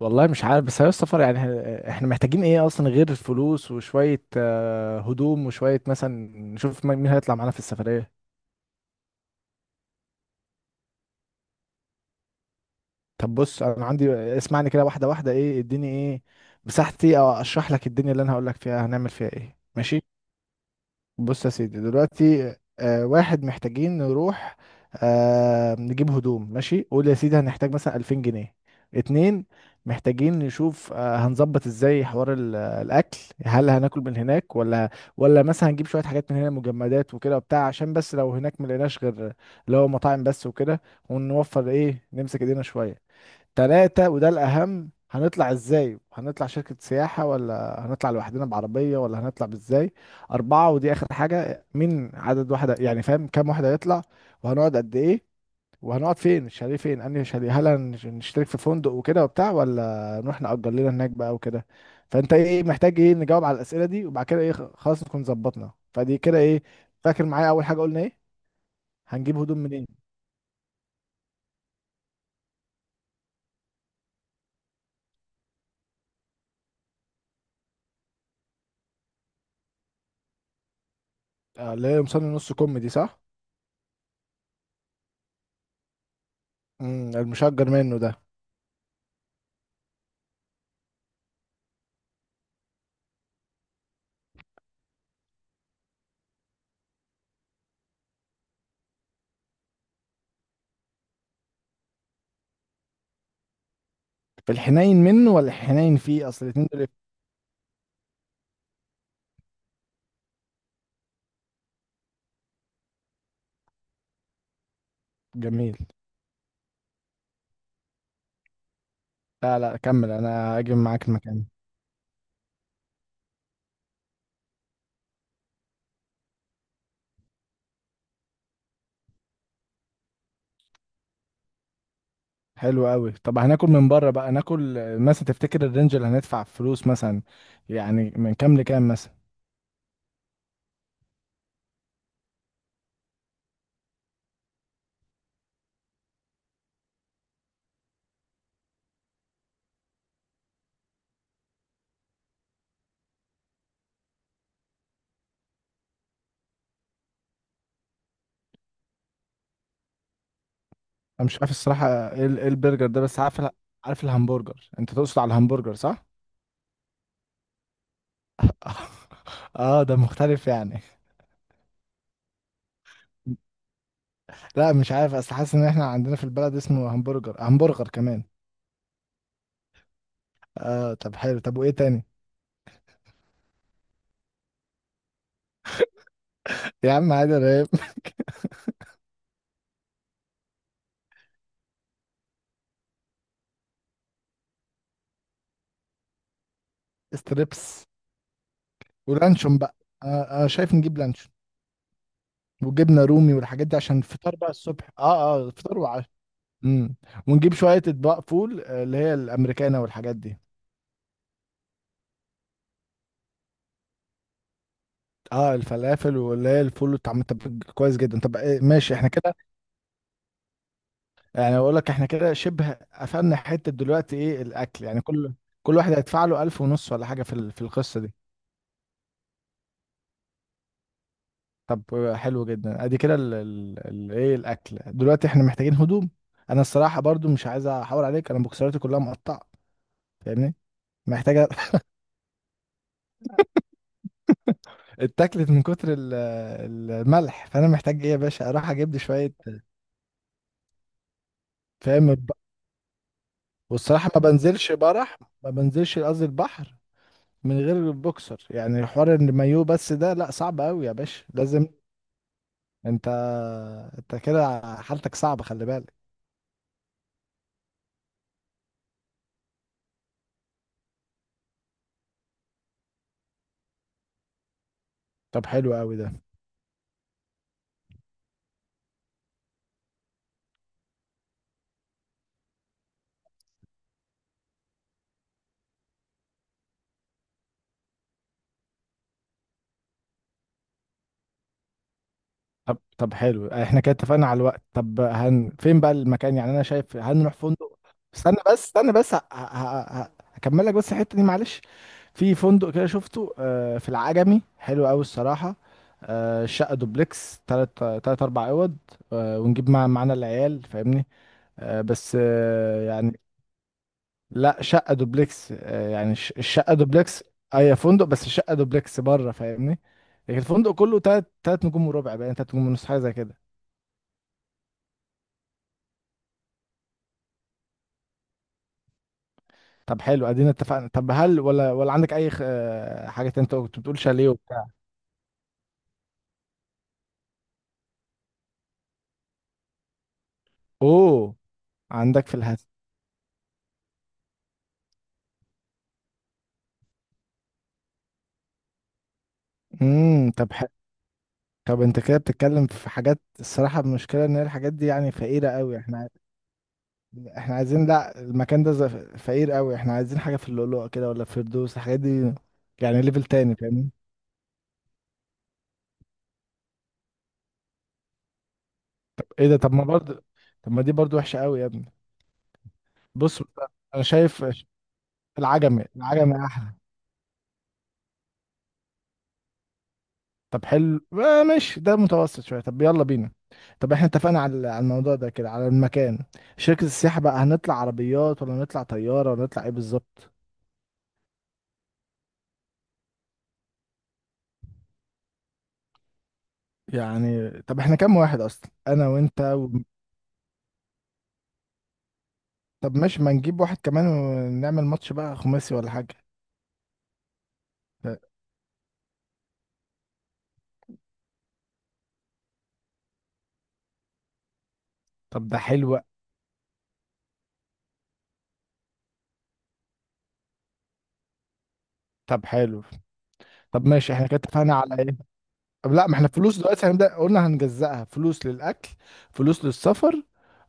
والله مش عارف، بس يا سفر يعني احنا محتاجين ايه اصلا غير الفلوس وشوية هدوم وشوية مثلا. نشوف مين هيطلع معانا في السفرية. طب بص انا عندي، اسمعني كده واحدة واحدة، ايه اديني، ايه مساحتي، او اشرح لك الدنيا اللي انا هقول لك فيها هنعمل فيها ايه، ماشي؟ بص يا سيدي، دلوقتي واحد، محتاجين نروح نجيب هدوم. ماشي، قول يا سيدي هنحتاج مثلا 2000 جنيه. اتنين، محتاجين نشوف هنظبط ازاي حوار الاكل. هل هناكل من هناك ولا مثلا هنجيب شوية حاجات من هنا، مجمدات وكده وبتاع، عشان بس لو هناك ملقناش غير اللي هو مطاعم بس وكده، ونوفر، ايه، نمسك ايدينا شوية. تلاتة، وده الأهم، هنطلع ازاي؟ هنطلع شركة سياحة ولا هنطلع لوحدنا بعربية ولا هنطلع بازاي؟ أربعة ودي آخر حاجة، مين عدد، واحدة يعني فاهم كام واحد هيطلع، وهنقعد قد إيه، وهنقعد فين، الشاليه فين، أنهي شاليه، هل هنشترك في فندق وكده وبتاع ولا نروح نأجر لنا هناك بقى وكده. فأنت إيه محتاج، إيه، نجاوب على الأسئلة دي وبعد كده إيه، خلاص نكون ظبطنا. فدي كده، إيه، فاكر معايا أول حاجة قلنا إيه؟ هنجيب هدوم منين؟ اللي هي قمصان النص كم دي، صح؟ المشجر منه ده. في الحنين منه ولا الحنين فيه، اصل الاتنين دول؟ جميل. لا لا، كمل، انا هاجي معاك المكان. حلو قوي. طب هناكل من بره بقى، ناكل مثلا تفتكر الرينج اللي هندفع فلوس مثلا يعني من كام لكام مثلا؟ انا مش عارف الصراحه ايه إيه البرجر ده، بس عارف عارف الهمبرجر، انت تقصد على الهمبرجر، صح؟ اه ده مختلف يعني. لا مش عارف، اصل حاسس ان احنا عندنا في البلد اسمه همبرجر، همبرجر كمان. اه طب حلو، طب وايه تاني؟ يا عم عادي رهيب. ستريبس، ولانشون بقى. أنا شايف نجيب لانشون وجبنه رومي والحاجات دي عشان الفطار بقى الصبح، اه اه، فطار وعشاء. امم. ونجيب شويه اطباق فول، اللي هي الامريكانه والحاجات دي. اه الفلافل، واللي هي الفول والطعم. طب كويس جدا. طب إيه، ماشي احنا كده؟ يعني اقول لك احنا كده شبه قفلنا حته دلوقتي. ايه الاكل يعني كل، كل واحد هيدفع له 1000 ونص ولا حاجه في القصه دي؟ طب حلو جدا. ادي كده ايه الاكل. دلوقتي احنا محتاجين هدوم. انا الصراحه برضو مش عايز احاور عليك، انا بوكسراتي كلها مقطعه، فاهمني، محتاجه. اتاكلت من كتر الملح. فانا محتاج، ايه، يا باشا اروح اجيب لي شويه. فاهم والصراحه ما بنزلش برح، ما بنزلش قصدي البحر من غير البوكسر، يعني حوار المايو بس ده لا، صعب قوي يا باشا، لازم. انت انت كده حالتك صعبه، خلي بالك. طب حلو قوي ده. طب، طب حلو، احنا كده اتفقنا على الوقت. طب هن فين بقى المكان؟ يعني انا شايف هنروح فندق. استنى بس، استنى بس، هكمل لك بس الحتة دي معلش. في فندق كده شفته في العجمي، حلو قوي الصراحة. الشقة دوبلكس، تلات تلات أربع أوض. ونجيب معانا العيال، فاهمني. آه، بس آه، يعني. لا شقة دوبلكس، يعني الشقة دوبلكس. أي فندق، بس الشقة دوبلكس بره، فاهمني. لكن الفندق كله تلات نجوم وربع بقى، يعني تلات نجوم ونص، حاجة زي كده. طب حلو، ادينا اتفقنا. طب هل، ولا عندك اي حاجه تانية؟ انت كنت بتقول شاليه وبتاع. اوه، عندك في الهاتف. طب حلو. طب انت كده بتتكلم في حاجات، الصراحه المشكله ان هي الحاجات دي يعني فقيره قوي. احنا احنا عايزين، لا المكان ده فقير قوي، احنا عايزين حاجه في اللؤلؤه كده، ولا في فردوس الحاجات دي، يعني ليفل تاني، فاهمني. ايه ده؟ طب ما برضه، طب ما دي برضه وحشه قوي يا ابني. بص انا شايف، العجمي العجمي احلى. طب حلو، آه ماشي، ده متوسط شوية. طب يلا بينا. طب احنا اتفقنا على الموضوع ده كده، على المكان. شركة السياحة بقى، هنطلع عربيات ولا نطلع طيارة ولا نطلع ايه بالظبط؟ يعني طب احنا كام واحد اصلا، انا وانت و... طب ماشي، ما نجيب واحد كمان ونعمل ماتش بقى خماسي ولا حاجة. طب ده حلو. طب حلو. طب ماشي، احنا كده اتفقنا على ايه؟ طب لا، ما احنا فلوس دلوقتي هنبدأ، قلنا هنجزأها، فلوس للأكل، فلوس للسفر،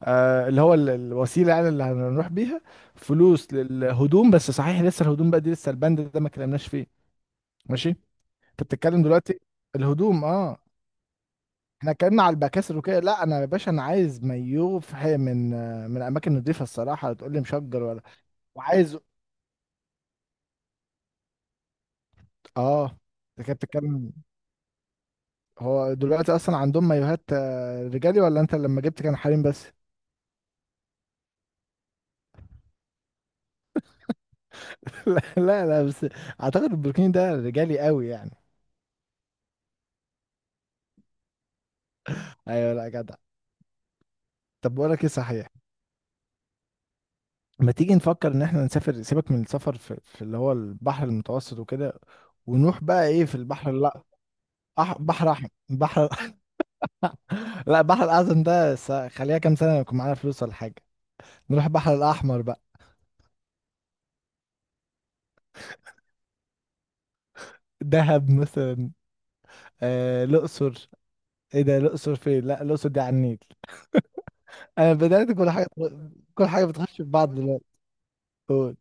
آه اللي هو الوسيلة يعني اللي هنروح بيها، فلوس للهدوم. بس صحيح لسه الهدوم بقى دي، لسه البند ده ما اتكلمناش فيه. ماشي، انت بتتكلم دلوقتي. الهدوم، اه. احنا اتكلمنا على البكاسر وكده، لا انا يا باشا انا عايز مايو في حي من، من اماكن نضيفة الصراحة، تقول لي مشجر ولا؟ وعايز، اه. انت كده بتتكلم، هو دلوقتي اصلا عندهم مايوهات رجالي ولا انت لما جبت كان حريم بس؟ لا لا لا بس، اعتقد البروكين ده رجالي قوي يعني. ايوه، لا جدع. طب بقول لك ايه صحيح، ما تيجي نفكر ان احنا نسافر، سيبك من السفر في اللي هو البحر المتوسط وكده، ونروح بقى، ايه، في البحر، لا. بحر احمر، بحر. لا البحر الاعظم ده خليها كام سنه يكون معانا فلوس ولا حاجه. نروح البحر الاحمر بقى. دهب مثلا. الاقصر. ايه ده؟ الاقصر فين؟ لا الاقصر دي على النيل. انا بدات كل حاجه، كل حاجه بتخش في بعض دلوقتي.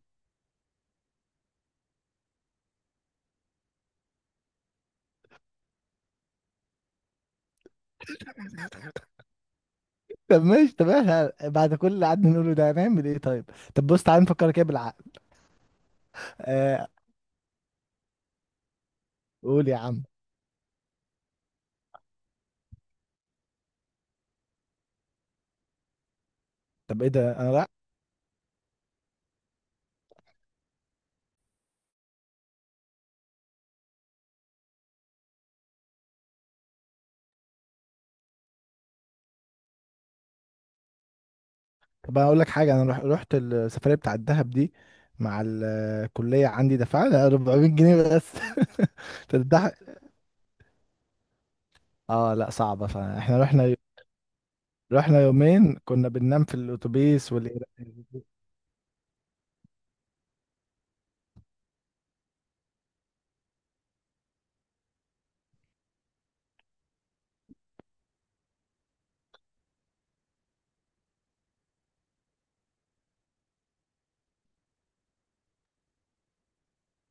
طب ماشي. طب احنا بعد كل اللي قعدنا نقوله ده هنعمل ايه طيب؟ طب بص، تعالى نفكر كده بالعقل. آه، قول يا عم. طب ايه ده؟ انا رايح. طب انا اقول لك حاجه، انا رحت السفريه بتاع الدهب دي مع الكليه عندي، دفعنا 400 جنيه بس. تضحك؟ اه لا صعبه، فاحنا رحنا، رحنا يومين كنا بننام في الاتوبيس وال...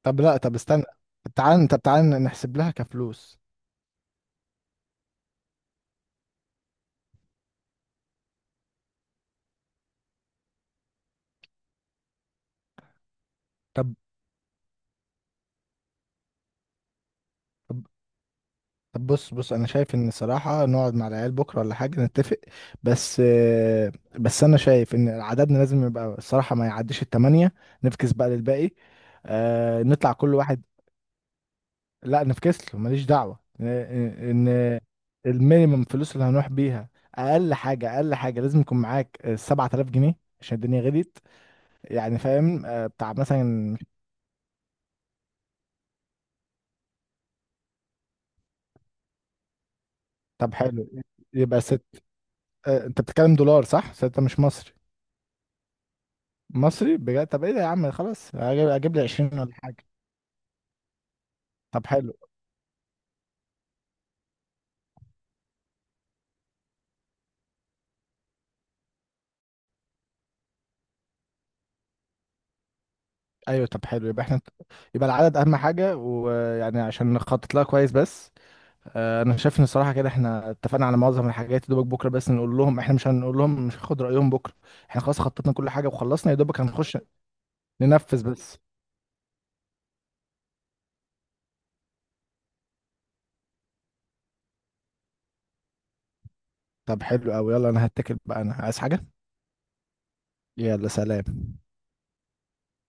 طب لا طب استنى، طب تعالى طب تعالى نحسب لها كفلوس. طب. طب بص بص، انا شايف ان صراحة نقعد مع العيال بكرة ولا حاجة نتفق. بس آه، بس انا شايف ان عددنا لازم يبقى الصراحة ما يعديش التمانية. نفكس بقى للباقي، نطلع كل واحد. لا نفكس له، ماليش دعوة، إن المينيمم فلوس اللي هنروح بيها، اقل حاجة، اقل حاجة لازم يكون معاك 7000 جنيه عشان الدنيا غليت. يعني فاهم، بتاع مثلا. طب حلو يبقى ست، انت بتتكلم دولار، صح؟ ستة مش مصري؟ مصري بجد؟ طب ايه ده يا عم، خلاص أجيب لي 20 ولا حاجه. طب حلو. ايوه طب حلو، يبقى احنا، يبقى العدد اهم حاجه، ويعني عشان نخطط لها كويس بس. انا شايف ان الصراحه كده احنا اتفقنا على معظم الحاجات يا دوبك، بكره بس نقول لهم، احنا مش هنقول لهم، مش هناخد رايهم بكره، احنا خلاص خططنا كل حاجه وخلصنا، يا دوبك هنخش ننفذ بس. طب حلو قوي. يلا انا هتكل بقى انا عايز حاجه. يلا سلام.